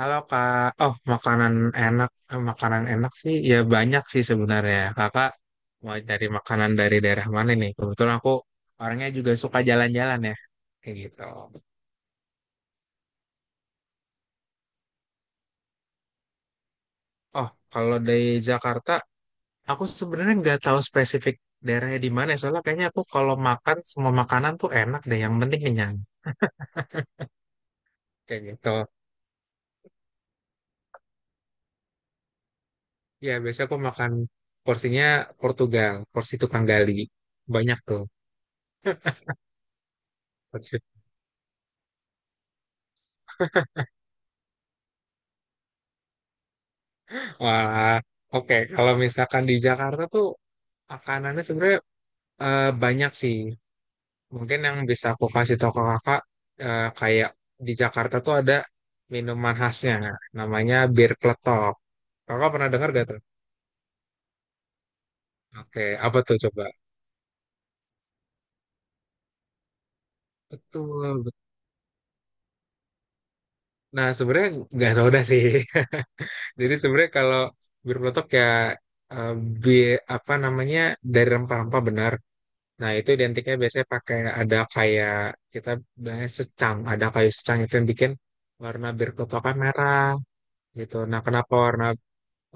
Halo Kak. Oh, makanan enak sih ya banyak sih sebenarnya. Kakak mau dari makanan dari daerah mana nih? Kebetulan aku orangnya juga suka jalan-jalan ya, kayak gitu. Oh, kalau dari Jakarta, aku sebenarnya nggak tahu spesifik daerahnya di mana. Soalnya kayaknya aku kalau makan semua makanan tuh enak deh. Yang penting kenyang, kayak gitu. Ya biasanya aku makan porsinya Portugal, porsi tukang gali, banyak tuh. Porsi. Wah, oke. Kalau misalkan di Jakarta tuh makanannya sebenarnya banyak sih. Mungkin yang bisa aku kasih tau ke kakak kayak di Jakarta tuh ada minuman khasnya, namanya bir kletok. Kakak pernah dengar gak tuh? Oke, apa tuh coba? Betul. Nah, sebenarnya nggak soda sih. Jadi sebenarnya kalau bir peletok ya, eh, apa namanya, dari rempah-rempah benar. Nah, itu identiknya biasanya pakai ada kayak kita biasanya secang, ada kayu secang itu yang bikin warna bir kelapa merah gitu. Nah, kenapa warna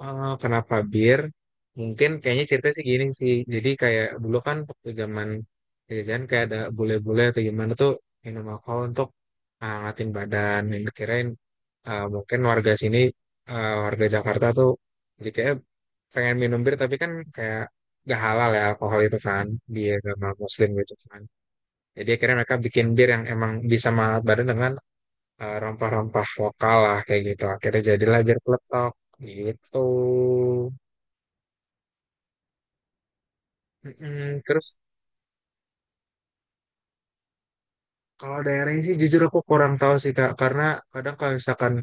Eh, Kenapa bir? Mungkin kayaknya ceritanya sih gini sih. Jadi kayak dulu kan waktu zaman jajan kayak ada bule-bule atau gimana tuh minum alkohol untuk ngatin badan. Yang dikirain mungkin warga Jakarta tuh jadi kayak pengen minum bir tapi kan kayak gak halal ya alkohol itu kan di agama Muslim gitu kan. Jadi akhirnya mereka bikin bir yang emang bisa menghangat badan dengan rompah-rompah lokal lah kayak gitu. Akhirnya jadilah bir peletok gitu. Mm-mm. Terus kalau daerahnya sih jujur aku kurang tahu sih Kak, karena kadang kalau misalkan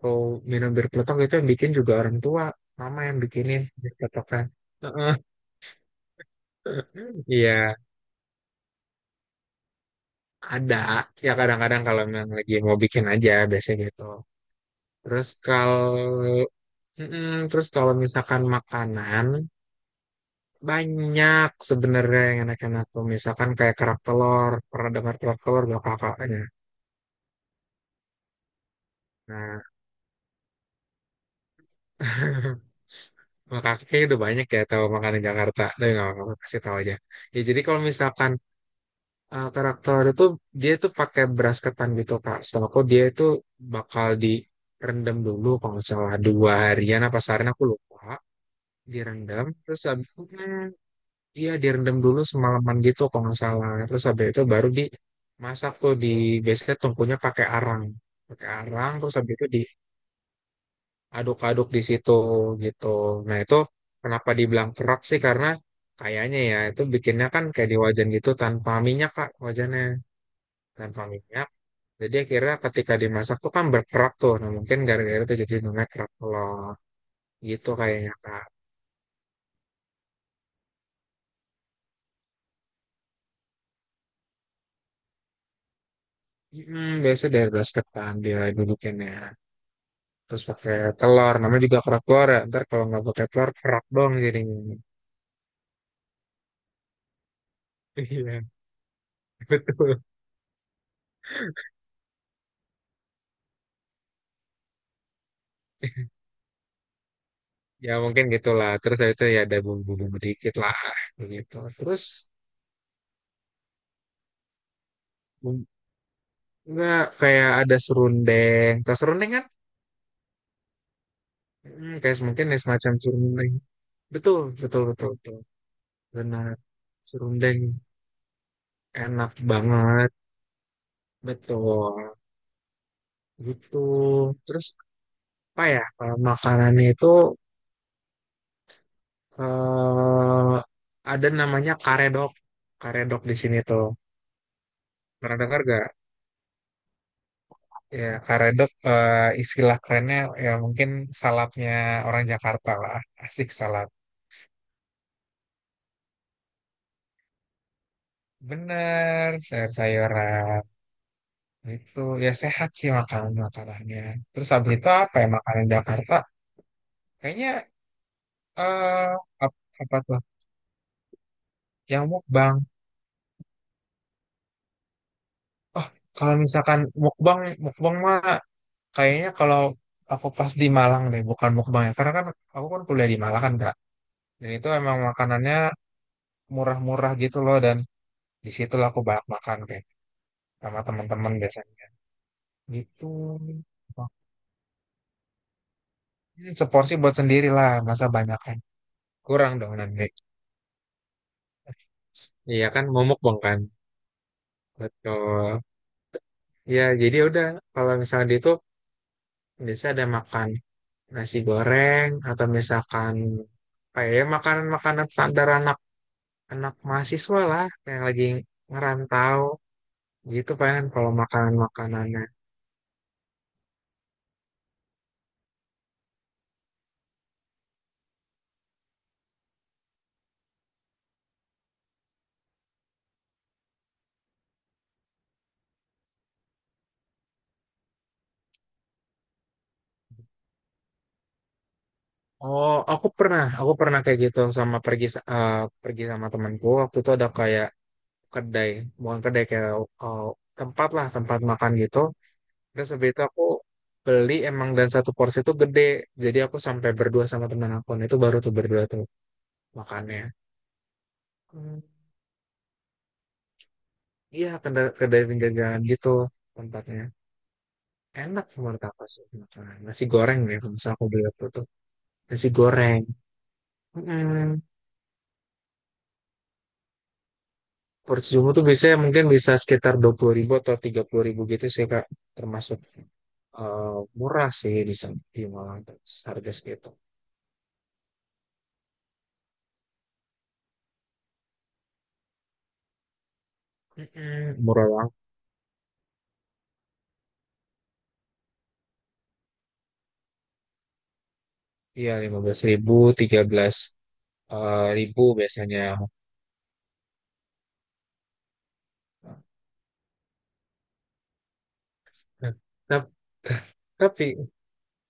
kau minum bir peletok itu yang bikin juga orang tua, mama yang bikinin bir peletok kan. Heeh. Iya, ada. Ya kadang-kadang kalau memang lagi mau bikin aja biasanya gitu. Terus kalau mm-mm. terus kalau misalkan makanan, banyak sebenarnya yang enak-enak tuh misalkan kayak kerak telur, pernah dengar kerak telur gak kakaknya? Nah, makanya kayaknya udah banyak ya tahu makanan Jakarta. Tapi nggak apa-apa, kasih tahu aja. Ya jadi kalau misalkan karakter itu, dia tuh pakai beras ketan gitu Kak. Setelah aku, dia itu bakal direndam dulu kalau nggak salah dua harian apa seharian, aku lupa. Direndam terus habis itu iya direndam dulu semalaman gitu kalau nggak salah. Terus habis itu baru dimasak tuh di, biasanya tungkunya pakai arang. Pakai arang terus habis itu di aduk-aduk di situ gitu. Nah itu kenapa dibilang kerak sih karena kayaknya ya itu bikinnya kan kayak di wajan gitu tanpa minyak Kak, wajannya tanpa minyak. Jadi akhirnya ketika dimasak tuh kan berkerak tuh. Nah mungkin gara-gara itu jadi namanya kerak telur gitu kayaknya Kak. Biasa dari basket kan dia dudukinnya. Terus pakai telur, namanya juga kerak telur ya. Ntar kalau nggak pakai telur, kerak dong jadinya. Iya. Ya mungkin gitulah. Terus itu ya ada bumbu-bumbu dikit lah begitu. Terus bum- nggak, kayak ada serundeng tas serundeng kan, kayak mungkin ya semacam serundeng. Betul betul betul betul, benar serundeng. Enak banget, betul. Gitu. Terus apa ya kalau makanannya itu, eh ada namanya karedok. Karedok di sini tuh, pernah dengar gak? Ya, karedok, istilah kerennya ya mungkin salapnya orang Jakarta lah. Asik salap. Bener, sayur-sayuran. Itu ya sehat sih makanan-makanannya. Terus habis itu apa ya makanan Jakarta? Kayaknya, eh apa tuh? Yang mukbang. Oh, kalau misalkan mukbang, mukbang mah kayaknya kalau aku pas di Malang deh, bukan mukbang ya. Karena kan aku kan kuliah di Malang kan, Kak. Dan itu emang makanannya murah-murah gitu loh, dan di situ lah aku banyak makan kayak sama teman-teman biasanya gitu. Ini seporsi buat sendiri lah, masa banyakan, kurang dong nanti, iya kan, momok bang kan, betul. Ya jadi udah, kalau misalnya di itu biasa ada makan nasi goreng atau misalkan kayak, ya ya, makanan-makanan standar anak anak mahasiswa lah yang lagi ngerantau gitu kan, kalau makanan makanannya. Oh, aku pernah kayak gitu sama pergi sama temanku. Waktu itu ada kayak kedai, bukan kedai kayak eh, tempat lah, tempat makan gitu. Terus habis itu aku beli emang dan satu porsi itu gede. Jadi aku sampai berdua sama teman aku. Nah, itu baru tuh berdua tuh makannya. Hmm, iya, kedai pinggir jalan gitu tempatnya. Enak menurut aku sih makanan. Nasi goreng nih, kalau misalnya aku beli waktu itu. Nasi goreng. Mm-mm. Percuma tuh biasanya mungkin bisa sekitar 20.000 atau 30.000 gitu sih Kak. Termasuk eh, murah sih di sana, di Malang. Harga segitu. Mm-mm, murah banget. Iya 15.000, 13 ribu biasanya. Nah, tap- ta- tapi,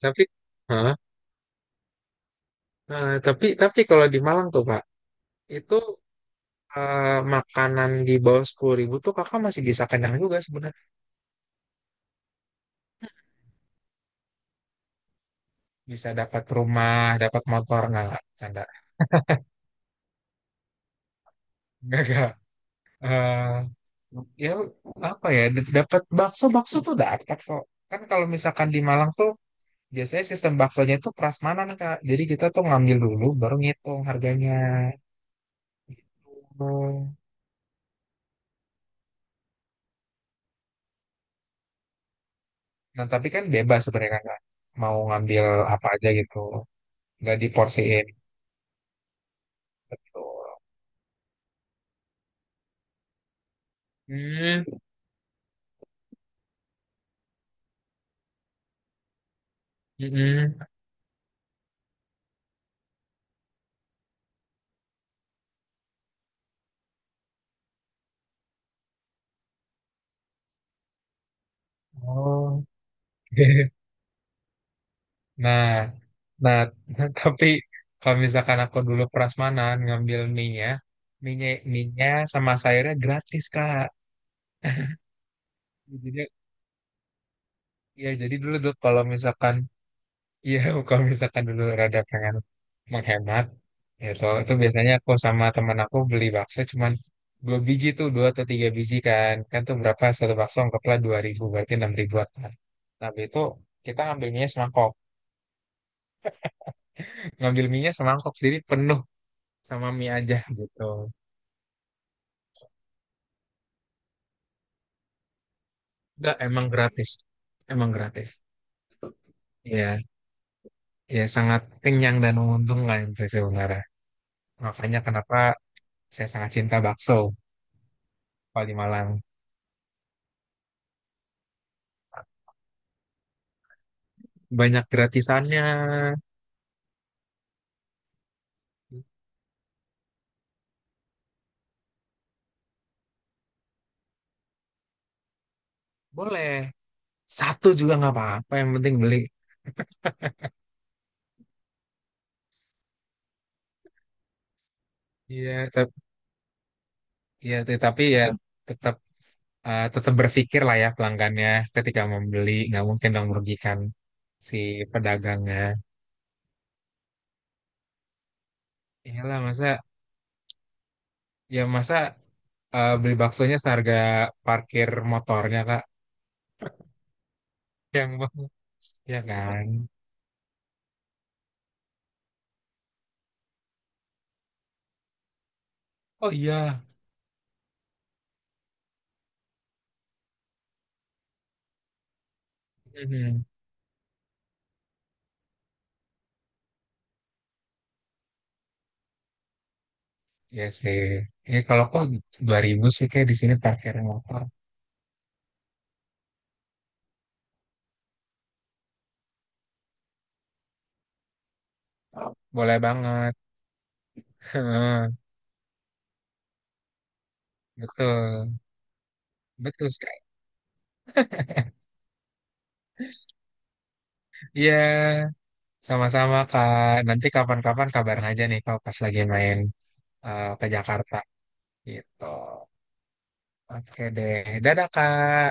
tapi, hah? Nah, tapi kalau di Malang tuh Pak, itu eh, makanan di bawah 10.000 tuh kakak masih bisa kenyang juga sebenarnya. Bisa dapat rumah, dapat motor nggak? Nggak, canda. Nggak, nggak. Eh, ya apa ya, dapat bakso, bakso tuh dapat kok. Kan kalau misalkan di Malang tuh biasanya sistem baksonya itu prasmanan Kak, jadi kita tuh ngambil dulu baru ngitung harganya. Oh. Nah tapi kan bebas sebenarnya kan Kak, mau ngambil apa aja gitu, nggak diporsiin, betul. Hmm, mm-mm. Oh. Nah, nah. Tapi kalau misalkan aku dulu prasmanan ngambil mie-nya, sama sayurnya gratis, Kak. Jadi, ya jadi dulu tuh kalau misalkan, iya, kalau misalkan dulu rada pengen menghemat, ya itu biasanya aku sama teman aku beli bakso cuman dua biji tuh, dua atau tiga biji kan kan tuh berapa satu bakso anggaplah 2.000 berarti 6.000-an kan. Nah habis itu kita ngambil mie semangkok. Ngambil mie semangkok, jadi penuh sama mie aja gitu. Enggak, emang gratis. Emang gratis. Ya, ya sangat kenyang dan menguntungkan sih sebenarnya. Makanya kenapa saya sangat cinta bakso paling Malang. Banyak gratisannya. Boleh. Satu juga nggak apa-apa, yang penting beli. Iya, iya, tetapi ya tetap, tetap berpikir lah ya pelanggannya ketika membeli, nggak mungkin dong merugikan si pedagangnya. Iyalah, masa ya masa beli baksonya seharga parkir motornya Kak. Yang bang, ya kan. Oh iya, hmm. Ya sih, ya kalau kok 2.000 sih kayak di sini parkir motor, boleh banget. Heeh, betul, betul sekali. Iya, sama-sama Kak. Nanti kapan-kapan kabarin aja nih kalau pas lagi main ke Jakarta gitu. Oke deh, dadah Kak.